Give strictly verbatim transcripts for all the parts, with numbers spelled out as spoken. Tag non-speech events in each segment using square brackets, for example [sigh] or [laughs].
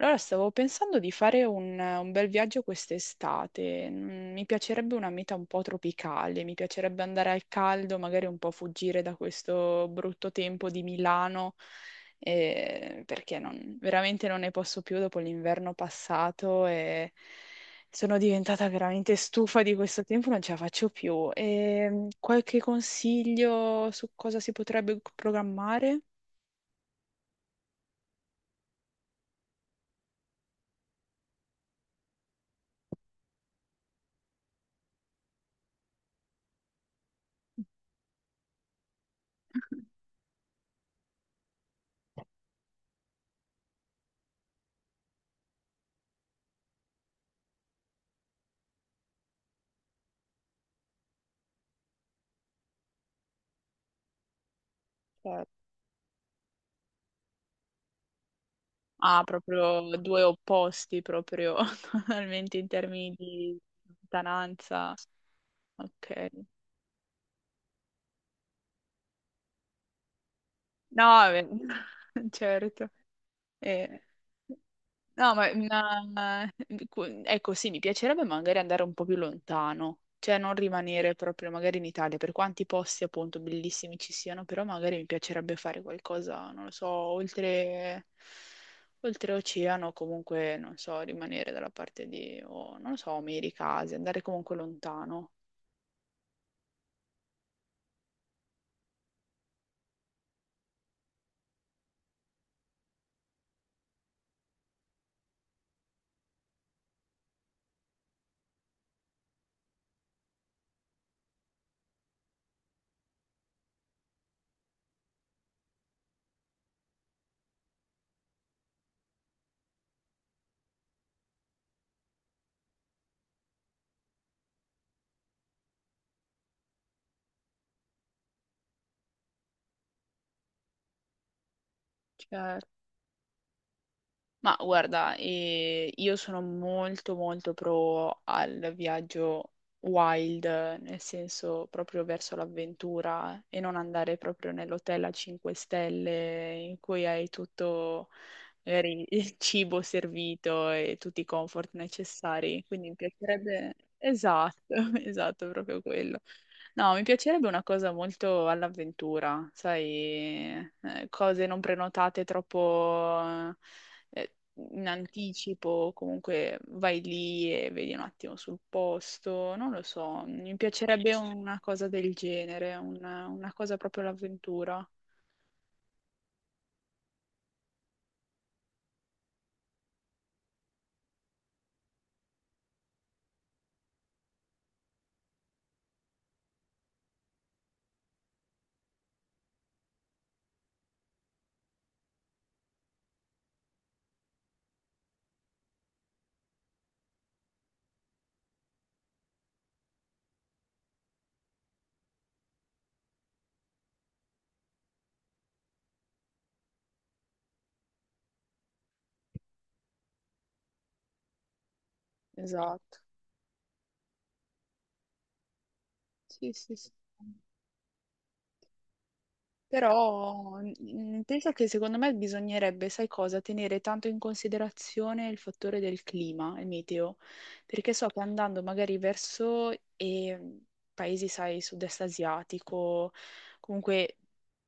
Allora, stavo pensando di fare un, un bel viaggio quest'estate. Mm, Mi piacerebbe una meta un po' tropicale, mi piacerebbe andare al caldo, magari un po' fuggire da questo brutto tempo di Milano, eh, perché non- veramente non ne posso più dopo l'inverno passato e sono diventata veramente stufa di questo tempo, non ce la faccio più. E, mm, qualche consiglio su cosa si potrebbe programmare? Ah, proprio due opposti, proprio [laughs] totalmente in termini di lontananza. Ok. No, vabbè, [laughs] certo. Eh, No, ma una- ecco, sì, mi piacerebbe magari andare un po' più lontano, cioè non rimanere proprio magari in Italia, per quanti posti appunto bellissimi ci siano, però magari mi piacerebbe fare qualcosa, non lo so, oltre, oltre oceano, comunque, non so, rimanere dalla parte di, o non lo so, America, Asia, andare comunque lontano. Cioè, Ma guarda, eh, io sono molto molto pro al viaggio wild, nel senso proprio verso l'avventura eh, e non andare proprio nell'hotel a cinque stelle in cui hai tutto magari il [laughs] cibo servito e tutti i comfort necessari. Quindi mi piacerebbe… Esatto, [laughs] esatto, proprio quello. No, mi piacerebbe una cosa molto all'avventura, sai, eh, cose non prenotate troppo eh, in anticipo, comunque vai lì e vedi un attimo sul posto, non lo so, mi piacerebbe una cosa del genere, una, una cosa proprio all'avventura. Esatto. Sì, sì, sì. Però mm, mm, penso che secondo me bisognerebbe, sai cosa, tenere tanto in considerazione il fattore del clima, il meteo, perché so che andando magari verso eh, paesi, sai, sud-est asiatico, comunque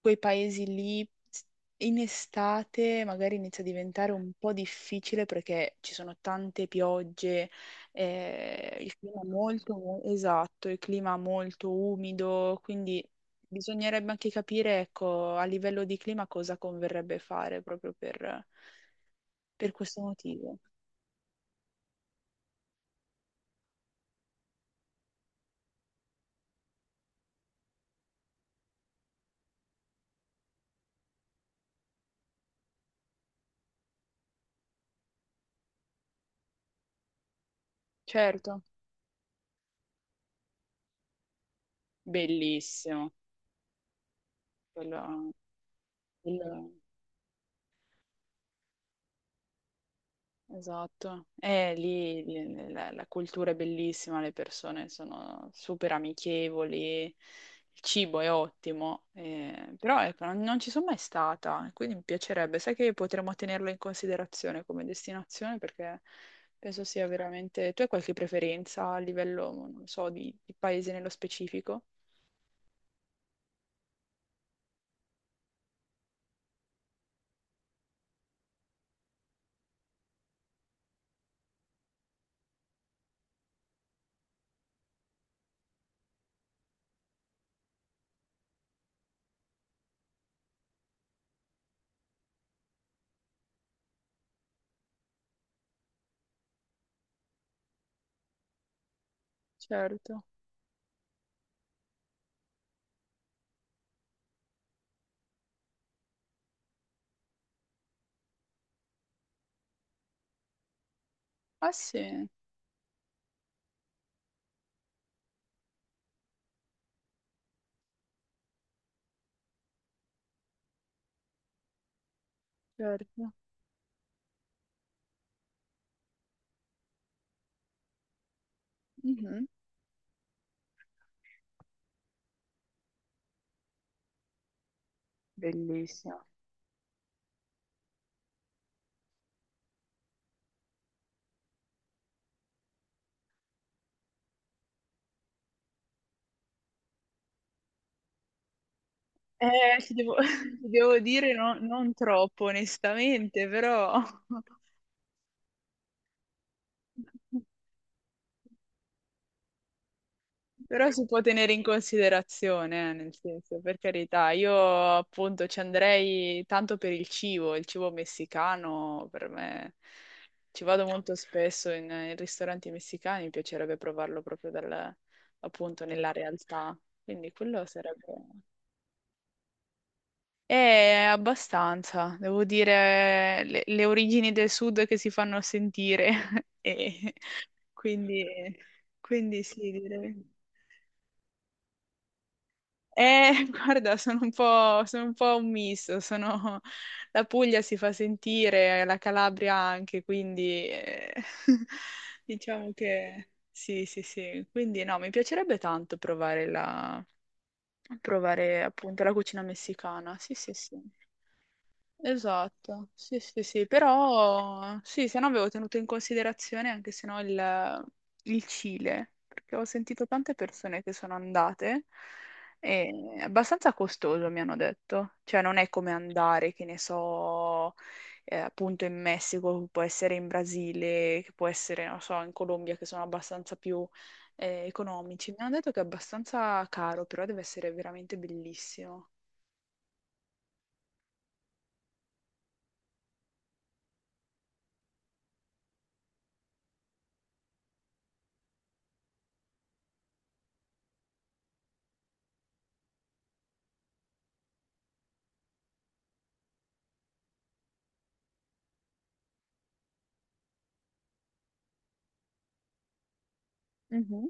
quei paesi lì s- in estate magari inizia a diventare un po' difficile perché ci sono tante piogge, eh, il clima molto, esatto, il clima molto umido, quindi… Bisognerebbe anche capire, ecco, a livello di clima cosa converrebbe fare proprio per, per questo motivo. Certo, bellissimo. Quello- quello- Esatto, e lì lì- la, la cultura è bellissima, le persone sono super amichevoli, il cibo è ottimo, eh, però ecco, non, non ci sono mai stata, quindi mi piacerebbe, sai che potremmo tenerlo in considerazione come destinazione perché penso sia veramente… Tu hai qualche preferenza a livello, non so, di, di paese nello specifico? Certo. Ah sì, certo. Mhm. Bellissimo. Eh, ti devo, [laughs] ti devo dire no- non troppo, onestamente, però, [laughs] però si può tenere in considerazione, eh, nel senso, per carità, io appunto ci andrei tanto per il cibo, il cibo messicano per me, ci vado molto spesso in, in ristoranti messicani, mi piacerebbe provarlo proprio dal, appunto nella realtà, quindi quello sarebbe… È abbastanza, devo dire, le, le origini del sud che si fanno sentire. [laughs] E quindi, quindi sì, direi. Eh, [laughs] guarda, sono un po', sono un po' un misto, sono- la Puglia si fa sentire, la Calabria anche, quindi eh, [laughs] diciamo che sì, sì, sì. Quindi no, mi piacerebbe tanto provare la, provare appunto la cucina messicana. Sì, sì, sì. Esatto, sì, sì, sì, però sì, se no avevo tenuto in considerazione anche se no il, il Cile, perché ho sentito tante persone che sono andate e è abbastanza costoso, mi hanno detto, cioè non è come andare, che ne so, eh, appunto in Messico, che può essere in Brasile, che può essere, non so, in Colombia, che sono abbastanza più eh, economici. Mi hanno detto che è abbastanza caro, però deve essere veramente bellissimo. Mhm.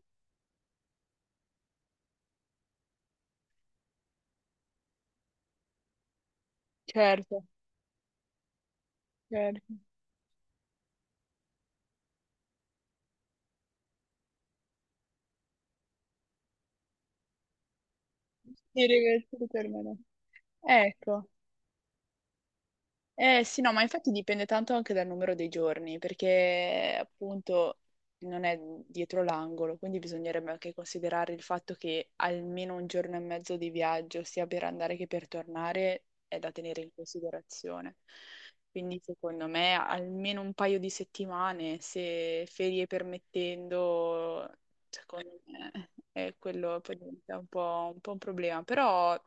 Certo, certo. Sì, ragazzi, ritornano. Ecco, eh sì, no, ma infatti dipende tanto anche dal numero dei giorni, perché appunto non è dietro l'angolo, quindi bisognerebbe anche considerare il fatto che almeno un giorno e mezzo di viaggio, sia per andare che per tornare, è da tenere in considerazione. Quindi secondo me almeno un paio di settimane, se ferie permettendo, secondo me è quello poi diventa un po', un po' un problema, però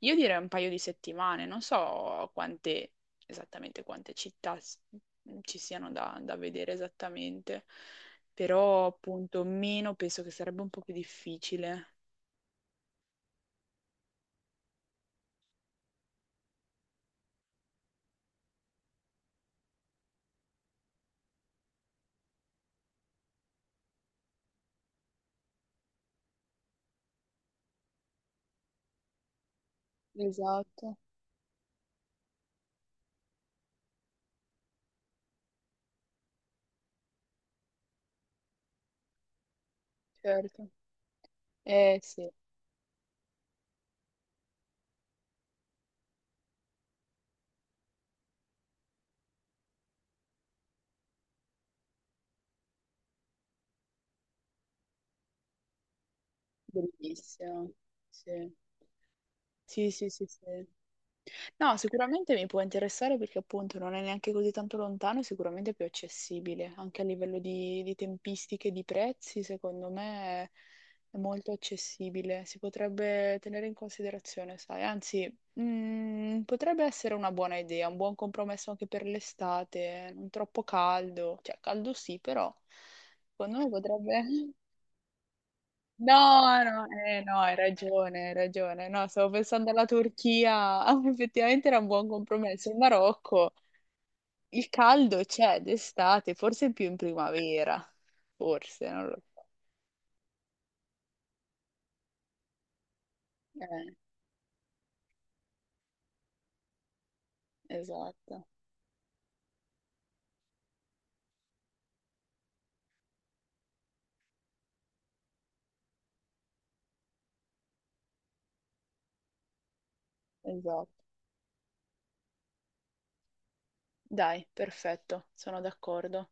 io direi un paio di settimane, non so quante esattamente quante città s- mm, ci siano da, da vedere esattamente, però appunto meno penso che sarebbe un po' più difficile. Esatto, certo. Eh sì, bellissimo. Sì, sì, sì, sì. sì. No, sicuramente mi può interessare perché appunto non è neanche così tanto lontano e sicuramente è più accessibile, anche a livello di, di tempistiche, di prezzi, secondo me è, è molto accessibile, si potrebbe tenere in considerazione, sai, anzi, mm, potrebbe essere una buona idea, un buon compromesso anche per l'estate, non troppo caldo, cioè caldo sì, però secondo me potrebbe… No, no, eh, no, hai ragione, hai ragione. No, stavo pensando alla Turchia. [laughs] Ah, effettivamente era un buon compromesso. Il Marocco, il caldo c'è d'estate, forse più in primavera. Forse, non lo so. Eh, esatto, esatto. Dai, perfetto, sono d'accordo.